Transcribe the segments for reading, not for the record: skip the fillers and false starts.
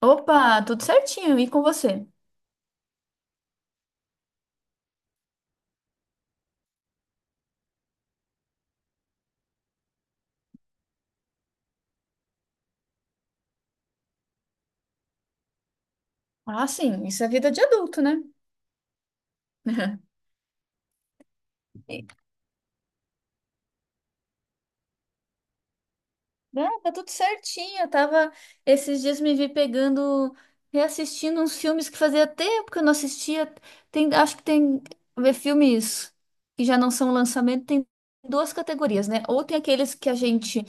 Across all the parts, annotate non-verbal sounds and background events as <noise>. Opa, tudo certinho, e com você? Ah, sim, isso é vida de adulto, né? <laughs> E Não, tá tudo certinho. Eu tava, esses dias me vi pegando, reassistindo uns filmes que fazia tempo que eu não assistia. Tem, acho que tem ver filmes que já não são lançamento, tem duas categorias, né? Ou tem aqueles que a gente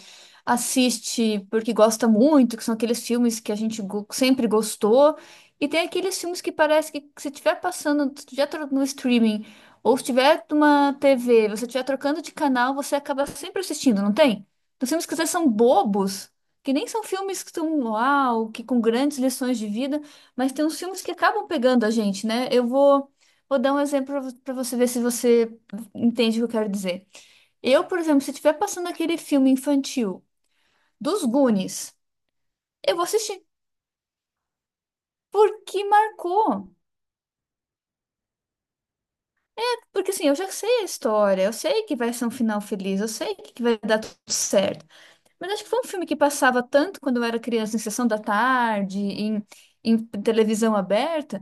assiste porque gosta muito, que são aqueles filmes que a gente sempre gostou, e tem aqueles filmes que parece que se estiver passando, se estiver no streaming, ou se tiver numa TV, você estiver trocando de canal, você acaba sempre assistindo, não tem? Os filmes que às vezes são bobos, que nem são filmes que estão uau, que com grandes lições de vida, mas tem uns filmes que acabam pegando a gente, né? Eu vou, vou dar um exemplo para você ver se você entende o que eu quero dizer. Eu, por exemplo, se estiver passando aquele filme infantil dos Goonies, eu vou assistir porque marcou. Porque assim, eu já sei a história, eu sei que vai ser um final feliz, eu sei que vai dar tudo certo. Mas acho que foi um filme que passava tanto quando eu era criança, em sessão da tarde, em televisão aberta,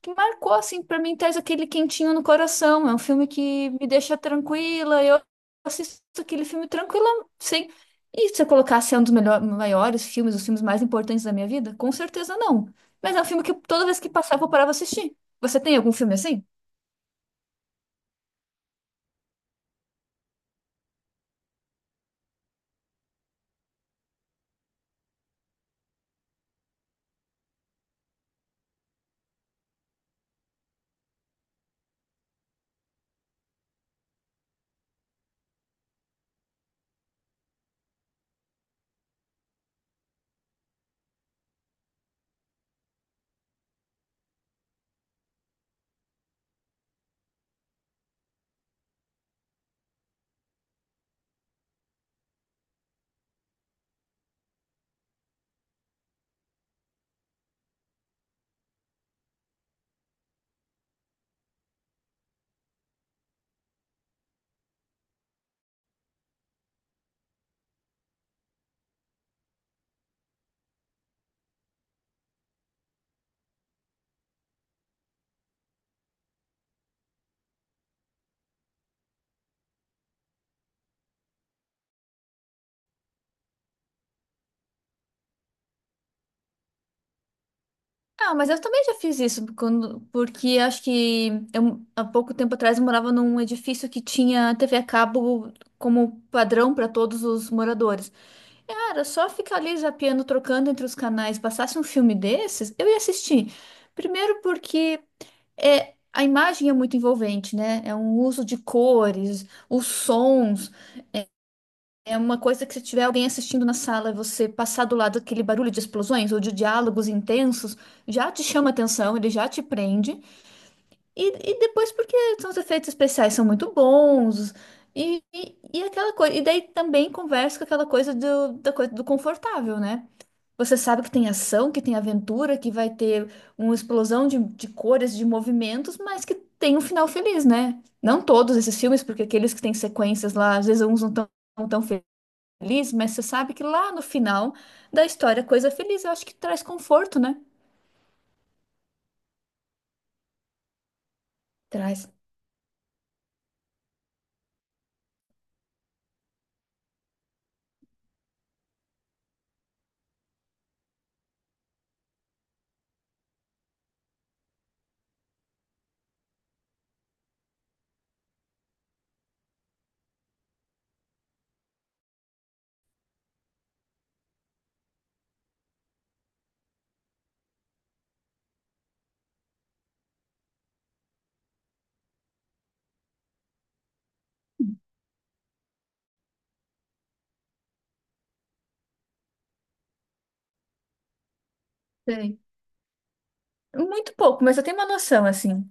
que marcou, assim, pra mim, traz aquele quentinho no coração. É um filme que me deixa tranquila. Eu assisto aquele filme tranquila, sem. E se eu colocasse é um dos melhor, maiores filmes, os filmes mais importantes da minha vida? Com certeza não. Mas é um filme que toda vez que passava eu parava pra assistir. Você tem algum filme assim? Ah, mas eu também já fiz isso, quando, porque acho que eu, há pouco tempo atrás eu morava num edifício que tinha TV a cabo como padrão para todos os moradores. E, ah, era só ficar ali zapeando, trocando entre os canais, passasse um filme desses, eu ia assistir. Primeiro porque é, a imagem é muito envolvente, né? É um uso de cores, os sons. É uma coisa que se tiver alguém assistindo na sala e você passar do lado daquele barulho de explosões ou de diálogos intensos, já te chama atenção, ele já te prende. Depois porque são os efeitos especiais são muito bons. Aquela coisa, e daí também conversa com aquela coisa do, da coisa do confortável, né? Você sabe que tem ação, que tem aventura, que vai ter uma explosão de cores, de movimentos, mas que tem um final feliz, né? Não todos esses filmes, porque aqueles que têm sequências lá, às vezes uns não estão tão feliz, mas você sabe que lá no final da história, coisa feliz, eu acho que traz conforto, né? Traz. Sei. Muito pouco, mas eu tenho uma noção, assim.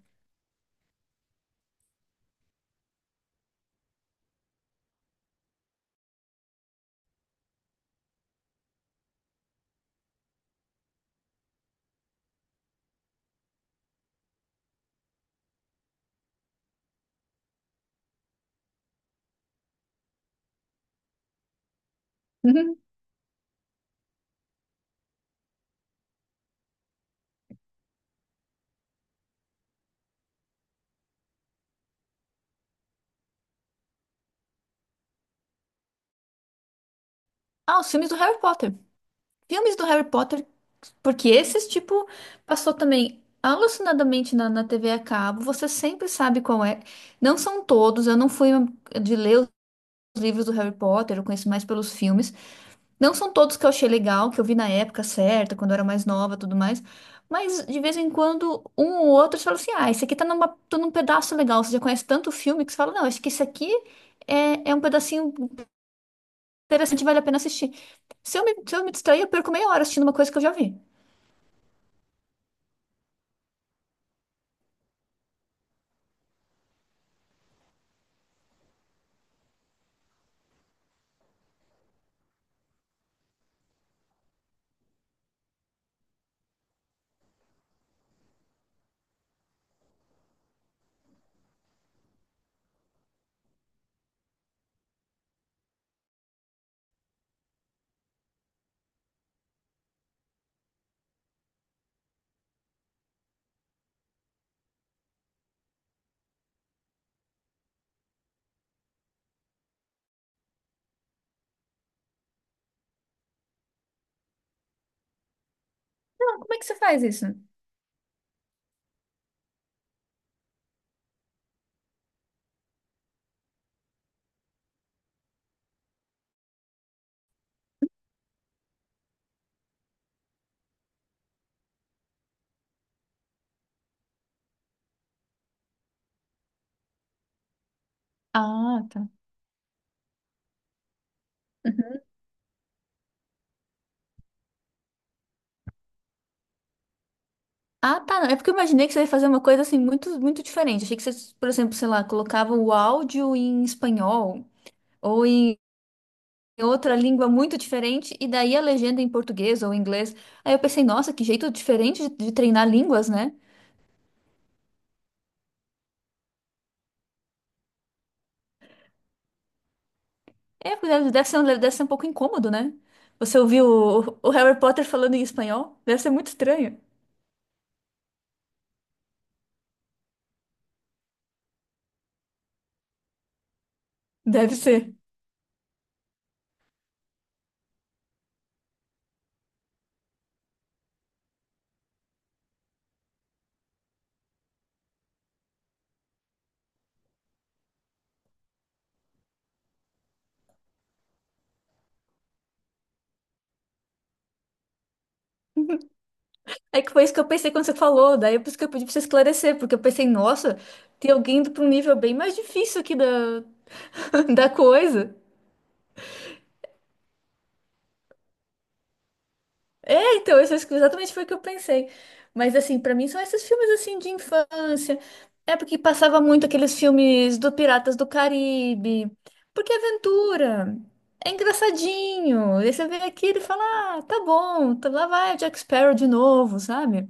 Uhum. Ah, os filmes do Harry Potter. Filmes do Harry Potter, porque esses, tipo, passou também alucinadamente na TV a cabo, você sempre sabe qual é. Não são todos, eu não fui de ler os livros do Harry Potter, eu conheço mais pelos filmes. Não são todos que eu achei legal, que eu vi na época certa, quando eu era mais nova, tudo mais. Mas de vez em quando, um ou outro, você fala assim: ah, esse aqui tá, numa, tá num pedaço legal. Você já conhece tanto filme que você fala: não, acho que esse aqui é um pedacinho interessante, vale a pena assistir. Se eu me distrair, eu perco meia hora assistindo uma coisa que eu já vi. Não, como é que você faz isso? Ah, tá. Uhum. Ah, tá. Não. É porque eu imaginei que você ia fazer uma coisa assim muito diferente. Achei que você, por exemplo, sei lá, colocava o áudio em espanhol ou em outra língua muito diferente, e daí a legenda em português ou inglês. Aí eu pensei, nossa, que jeito diferente de treinar línguas, né? É, deve ser, deve ser um pouco incômodo, né? Você ouviu o Harry Potter falando em espanhol? Deve ser muito estranho. Deve ser. É que foi isso que eu pensei quando você falou, daí é por isso que eu pedi pra você esclarecer, porque eu pensei, nossa, tem alguém indo pra um nível bem mais difícil aqui da, <laughs> da coisa. É, então, isso exatamente foi o que eu pensei. Mas assim, pra mim são esses filmes assim de infância. É porque passava muito aqueles filmes do Piratas do Caribe. Porque é aventura. É engraçadinho. E você vê aquilo e fala: "Ah, tá bom, lá vai o Jack Sparrow de novo", sabe?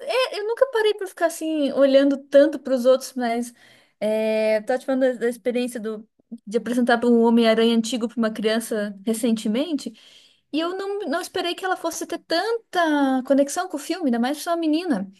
É, eu nunca parei para ficar assim, olhando tanto para os outros, mas é, tá te falando da experiência do, de apresentar para um Homem-Aranha antigo para uma criança recentemente, e eu não esperei que ela fosse ter tanta conexão com o filme, ainda mais só uma menina.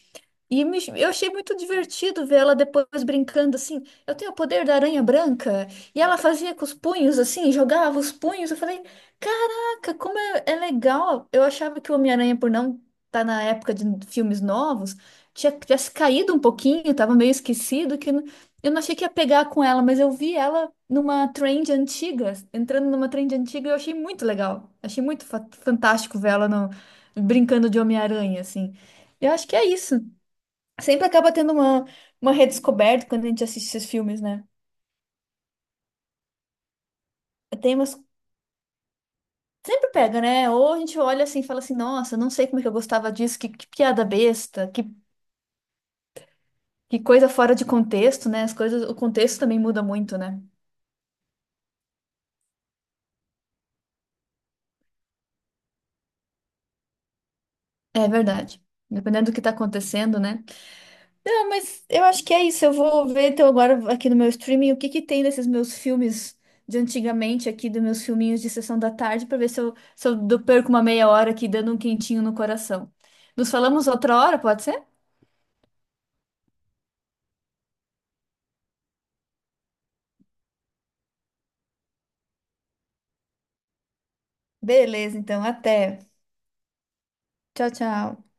Eu achei muito divertido ver ela depois brincando assim. Eu tenho o poder da aranha branca. E ela fazia com os punhos assim, jogava os punhos. Eu falei, caraca, como é, é legal. Eu achava que o Homem-Aranha, por não estar na época de filmes novos, tinha se caído um pouquinho, tava meio esquecido, que eu eu não achei que ia pegar com ela, mas eu vi ela numa trend antiga, entrando numa trend antiga, e eu achei muito legal. Achei muito fantástico ver ela brincando de Homem-Aranha, assim. Eu acho que é isso. Sempre acaba tendo uma redescoberta quando a gente assiste esses filmes, né? Tem umas. Sempre pega, né? Ou a gente olha assim e fala assim, nossa, não sei como é que eu gostava disso, que piada besta, que coisa fora de contexto, né? As coisas, o contexto também muda muito, né? É verdade. Dependendo do que tá acontecendo, né? Não, mas eu acho que é isso. Eu vou ver então agora aqui no meu streaming o que que tem desses meus filmes de antigamente aqui, dos meus filminhos de sessão da tarde, para ver se eu perco uma meia hora aqui dando um quentinho no coração. Nos falamos outra hora, pode ser? Beleza, então, até. Tchau, tchau.